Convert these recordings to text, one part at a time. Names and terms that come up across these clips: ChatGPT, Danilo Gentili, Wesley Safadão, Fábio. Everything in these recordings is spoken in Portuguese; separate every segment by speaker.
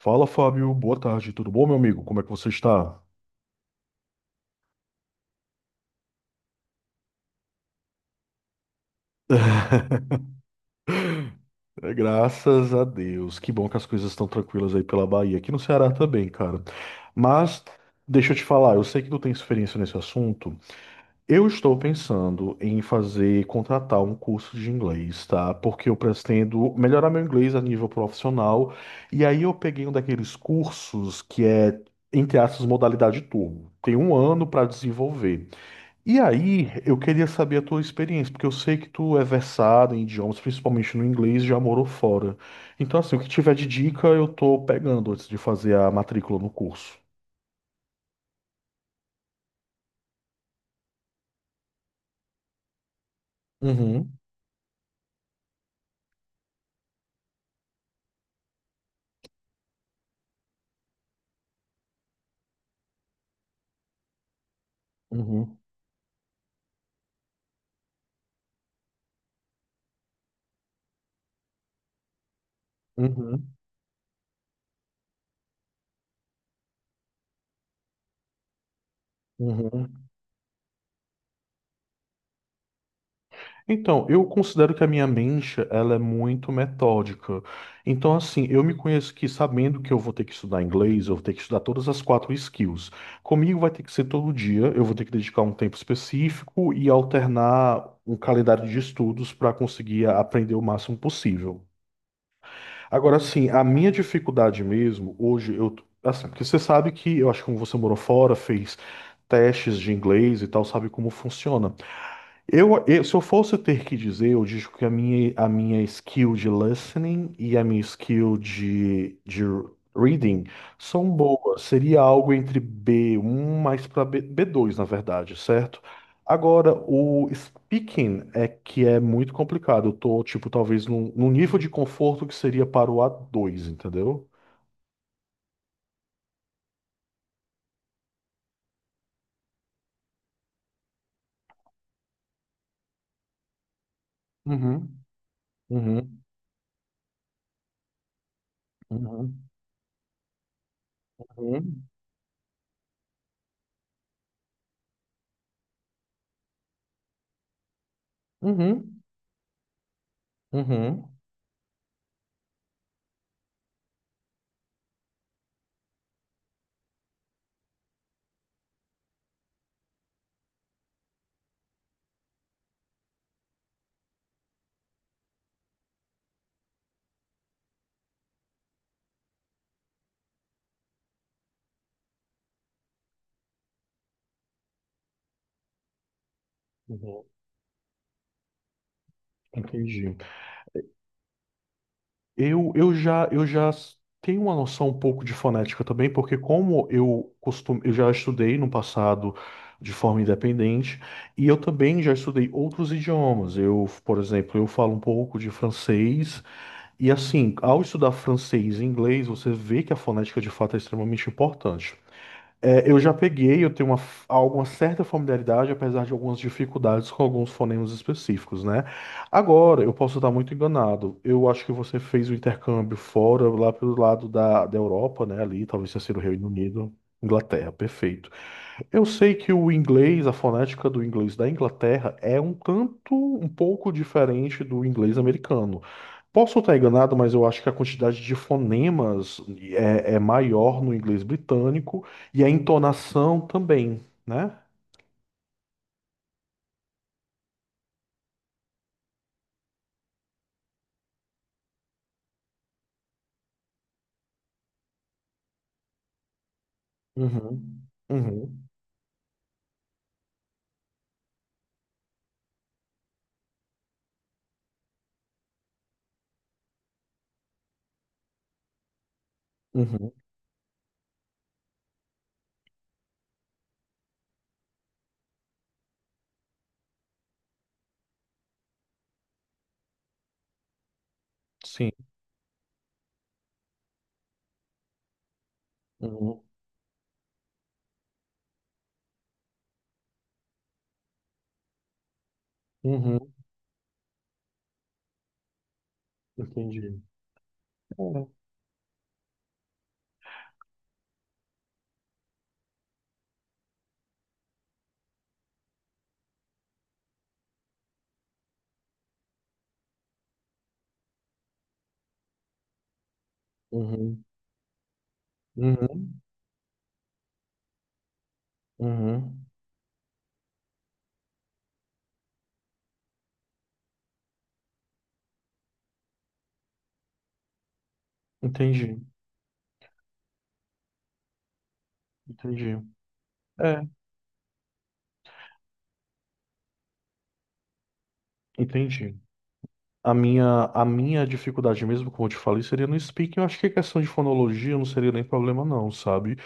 Speaker 1: Fala, Fábio. Boa tarde. Tudo bom, meu amigo? Como é que você está? É, graças a Deus. Que bom que as coisas estão tranquilas aí pela Bahia. Aqui no Ceará também, cara. Mas deixa eu te falar, eu sei que tu tem experiência nesse assunto. Eu estou pensando em fazer, contratar um curso de inglês, tá? Porque eu pretendo melhorar meu inglês a nível profissional. E aí eu peguei um daqueles cursos que é, entre aspas, modalidade turbo. Tem um ano para desenvolver. E aí, eu queria saber a tua experiência, porque eu sei que tu é versado em idiomas, principalmente no inglês, já morou fora. Então, assim, o que tiver de dica, eu tô pegando antes de fazer a matrícula no curso. Uhum, uhum, uhum, uhum. Então, eu considero que a minha mente, ela é muito metódica. Então, assim, eu me conheço que sabendo que eu vou ter que estudar inglês, eu vou ter que estudar todas as quatro skills. Comigo vai ter que ser todo dia, eu vou ter que dedicar um tempo específico e alternar um calendário de estudos para conseguir aprender o máximo possível. Agora, assim, a minha dificuldade mesmo, hoje eu, assim, porque você sabe que, eu acho que como você morou fora, fez testes de inglês e tal, sabe como funciona. Se eu fosse ter que dizer, eu digo que a minha skill de listening e a minha skill de reading são boas. Seria algo entre B1 mais para B, B2, na verdade, certo? Agora, o speaking é que é muito complicado. Eu tô, tipo, talvez num nível de conforto que seria para o A2, entendeu? Uhum, uhum, uhum, uhum, uhum, uhum, uhum. Entendi. Eu já tenho uma noção um pouco de fonética também, porque como eu costumo, eu já estudei no passado de forma independente, e eu também já estudei outros idiomas. Eu, por exemplo, eu falo um pouco de francês, e assim, ao estudar francês e inglês, você vê que a fonética de fato é extremamente importante. É, eu já peguei, eu tenho alguma certa familiaridade, apesar de algumas dificuldades com alguns fonemas específicos, né? Agora, eu posso estar muito enganado. Eu acho que você fez o intercâmbio fora, lá pelo lado da Europa, né? Ali, talvez tenha sido o Reino Unido, Inglaterra, perfeito. Eu sei que o inglês, a fonética do inglês da Inglaterra é um tanto, um pouco diferente do inglês americano. Posso estar enganado, mas eu acho que a quantidade de fonemas é maior no inglês britânico e a entonação também, né? Uhum, uhum, uhum, sim, uhum, uhum, entendi. É, uhum, uhum, uhum, entendi, entendi. É, entendi. A minha dificuldade mesmo, como eu te falei, seria no speaking. Eu acho que a questão de fonologia não seria nem problema, não, sabe?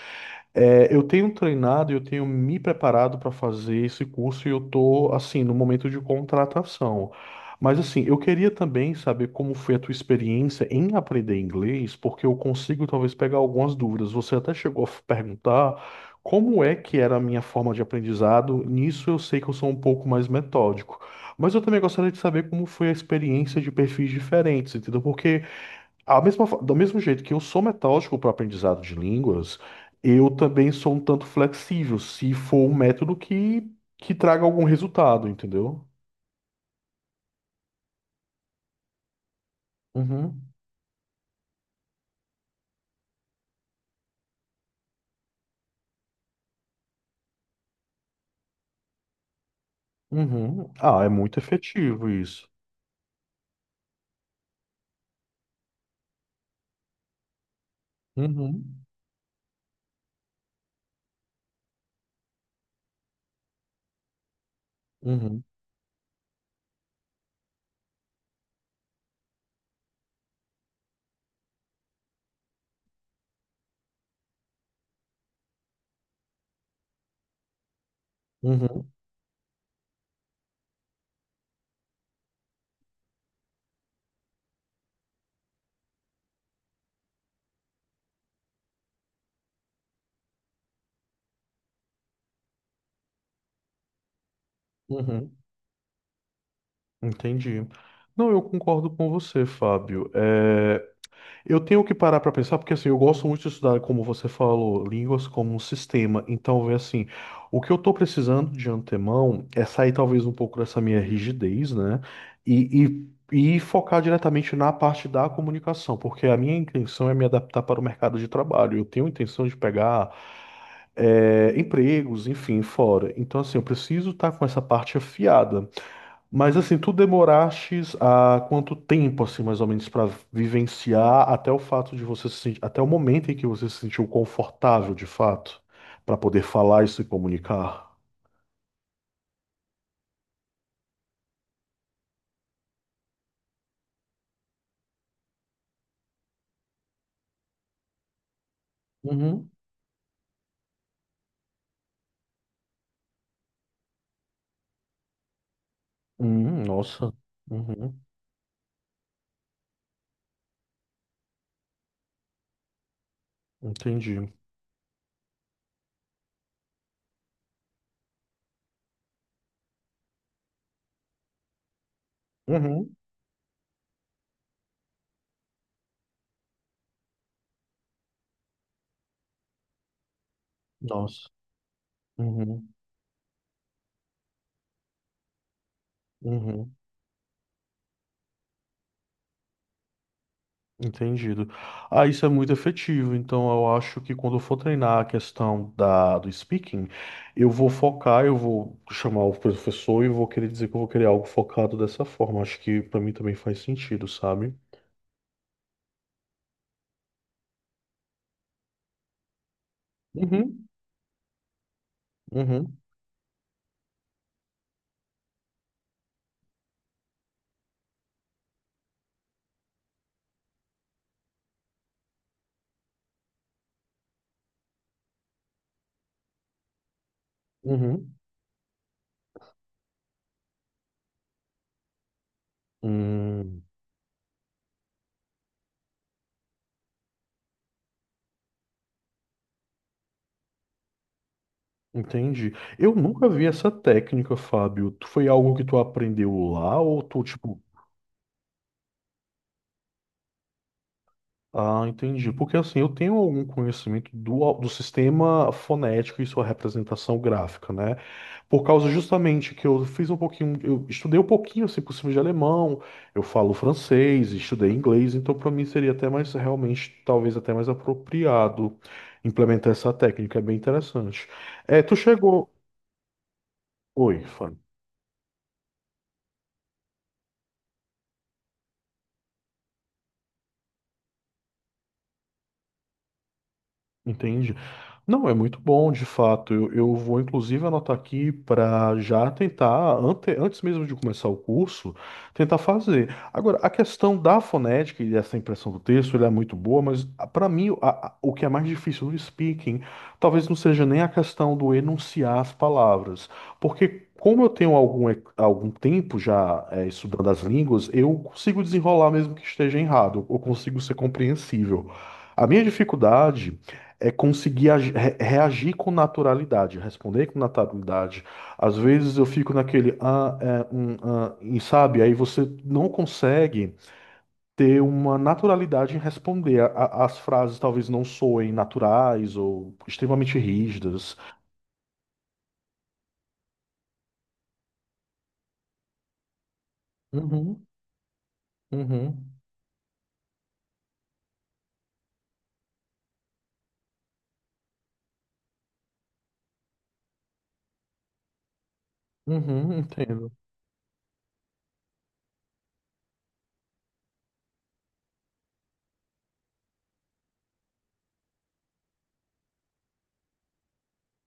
Speaker 1: É, eu tenho treinado, eu tenho me preparado para fazer esse curso e eu tô assim no momento de contratação. Mas assim, eu queria também saber como foi a tua experiência em aprender inglês, porque eu consigo talvez pegar algumas dúvidas. Você até chegou a perguntar como é que era a minha forma de aprendizado. Nisso eu sei que eu sou um pouco mais metódico. Mas eu também gostaria de saber como foi a experiência de perfis diferentes, entendeu? Porque do mesmo jeito que eu sou metódico para o aprendizado de línguas, eu também sou um tanto flexível, se for um método que traga algum resultado, entendeu? Uhum, uhum. Ah, é muito efetivo isso. Uhum, uhum, uhum, uhum. Entendi. Não, eu concordo com você, Fábio. Eu tenho que parar para pensar, porque assim, eu gosto muito de estudar, como você falou, línguas como um sistema. Então, vê assim, o que eu estou precisando de antemão é sair talvez um pouco dessa minha rigidez, né? E, e focar diretamente na parte da comunicação, porque a minha intenção é me adaptar para o mercado de trabalho. Eu tenho intenção de pegar empregos, enfim, fora. Então, assim, eu preciso estar com essa parte afiada. Mas assim, tu demorastes há quanto tempo, assim, mais ou menos, para vivenciar até o fato de você se sentir, até o momento em que você se sentiu confortável, de fato, para poder falar e se comunicar? Uhum. Nossa. Uhum. Entendi. Uhum. Nossa. Uhum. Uhum. Entendido. Ah, isso é muito efetivo. Então, eu acho que quando eu for treinar a questão da, do speaking, eu vou focar, eu vou chamar o professor e vou querer dizer que eu vou querer algo focado dessa forma. Acho que para mim também faz sentido, sabe? Uhum, uhum, uhum. Hum, entendi. Eu nunca vi essa técnica, Fábio. Foi algo que tu aprendeu lá ou tu, tipo. Ah, entendi. Porque assim, eu tenho algum conhecimento do sistema fonético e sua representação gráfica, né? Por causa justamente que eu fiz um pouquinho, eu estudei um pouquinho, se possível, de alemão, eu falo francês, estudei inglês, então para mim seria até mais, realmente, talvez até mais apropriado implementar essa técnica, é bem interessante. É, tu chegou. Oi, Fábio. Entendi. Não, é muito bom, de fato. Eu vou inclusive anotar aqui para já tentar, antes mesmo de começar o curso, tentar fazer. Agora, a questão da fonética e dessa impressão do texto, ela é muito boa, mas para mim o que é mais difícil no speaking, talvez não seja nem a questão do enunciar as palavras, porque como eu tenho algum tempo já estudando as línguas, eu consigo desenrolar mesmo que esteja errado, eu consigo ser compreensível. A minha dificuldade é conseguir reagir com naturalidade, responder com naturalidade. Às vezes eu fico naquele ah, é, ah, e sabe, aí você não consegue ter uma naturalidade em responder. As frases talvez não soem naturais ou extremamente rígidas. Uhum, uhum, uhum, entendo.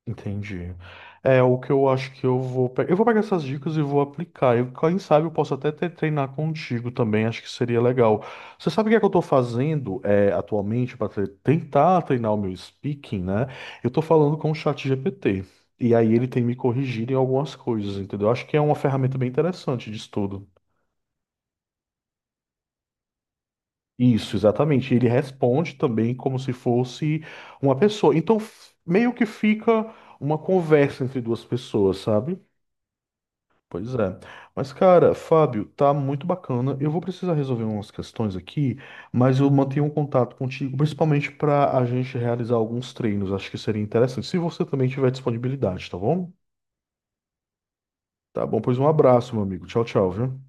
Speaker 1: Entendi. É o que eu acho que eu vou pegar. Eu vou pegar essas dicas e vou aplicar. Quem sabe eu posso até treinar contigo também, acho que seria legal. Você sabe o que é que eu estou fazendo é, atualmente para tentar treinar o meu speaking, né? Eu estou falando com o chat GPT. E aí ele tem me corrigido em algumas coisas, entendeu? Acho que é uma ferramenta bem interessante de estudo. Isso, exatamente. Ele responde também como se fosse uma pessoa. Então, meio que fica uma conversa entre duas pessoas, sabe? Pois é. Mas, cara, Fábio, tá muito bacana. Eu vou precisar resolver umas questões aqui, mas eu mantenho um contato contigo, principalmente para a gente realizar alguns treinos. Acho que seria interessante, se você também tiver disponibilidade, tá bom? Tá bom, pois um abraço, meu amigo. Tchau, tchau, viu?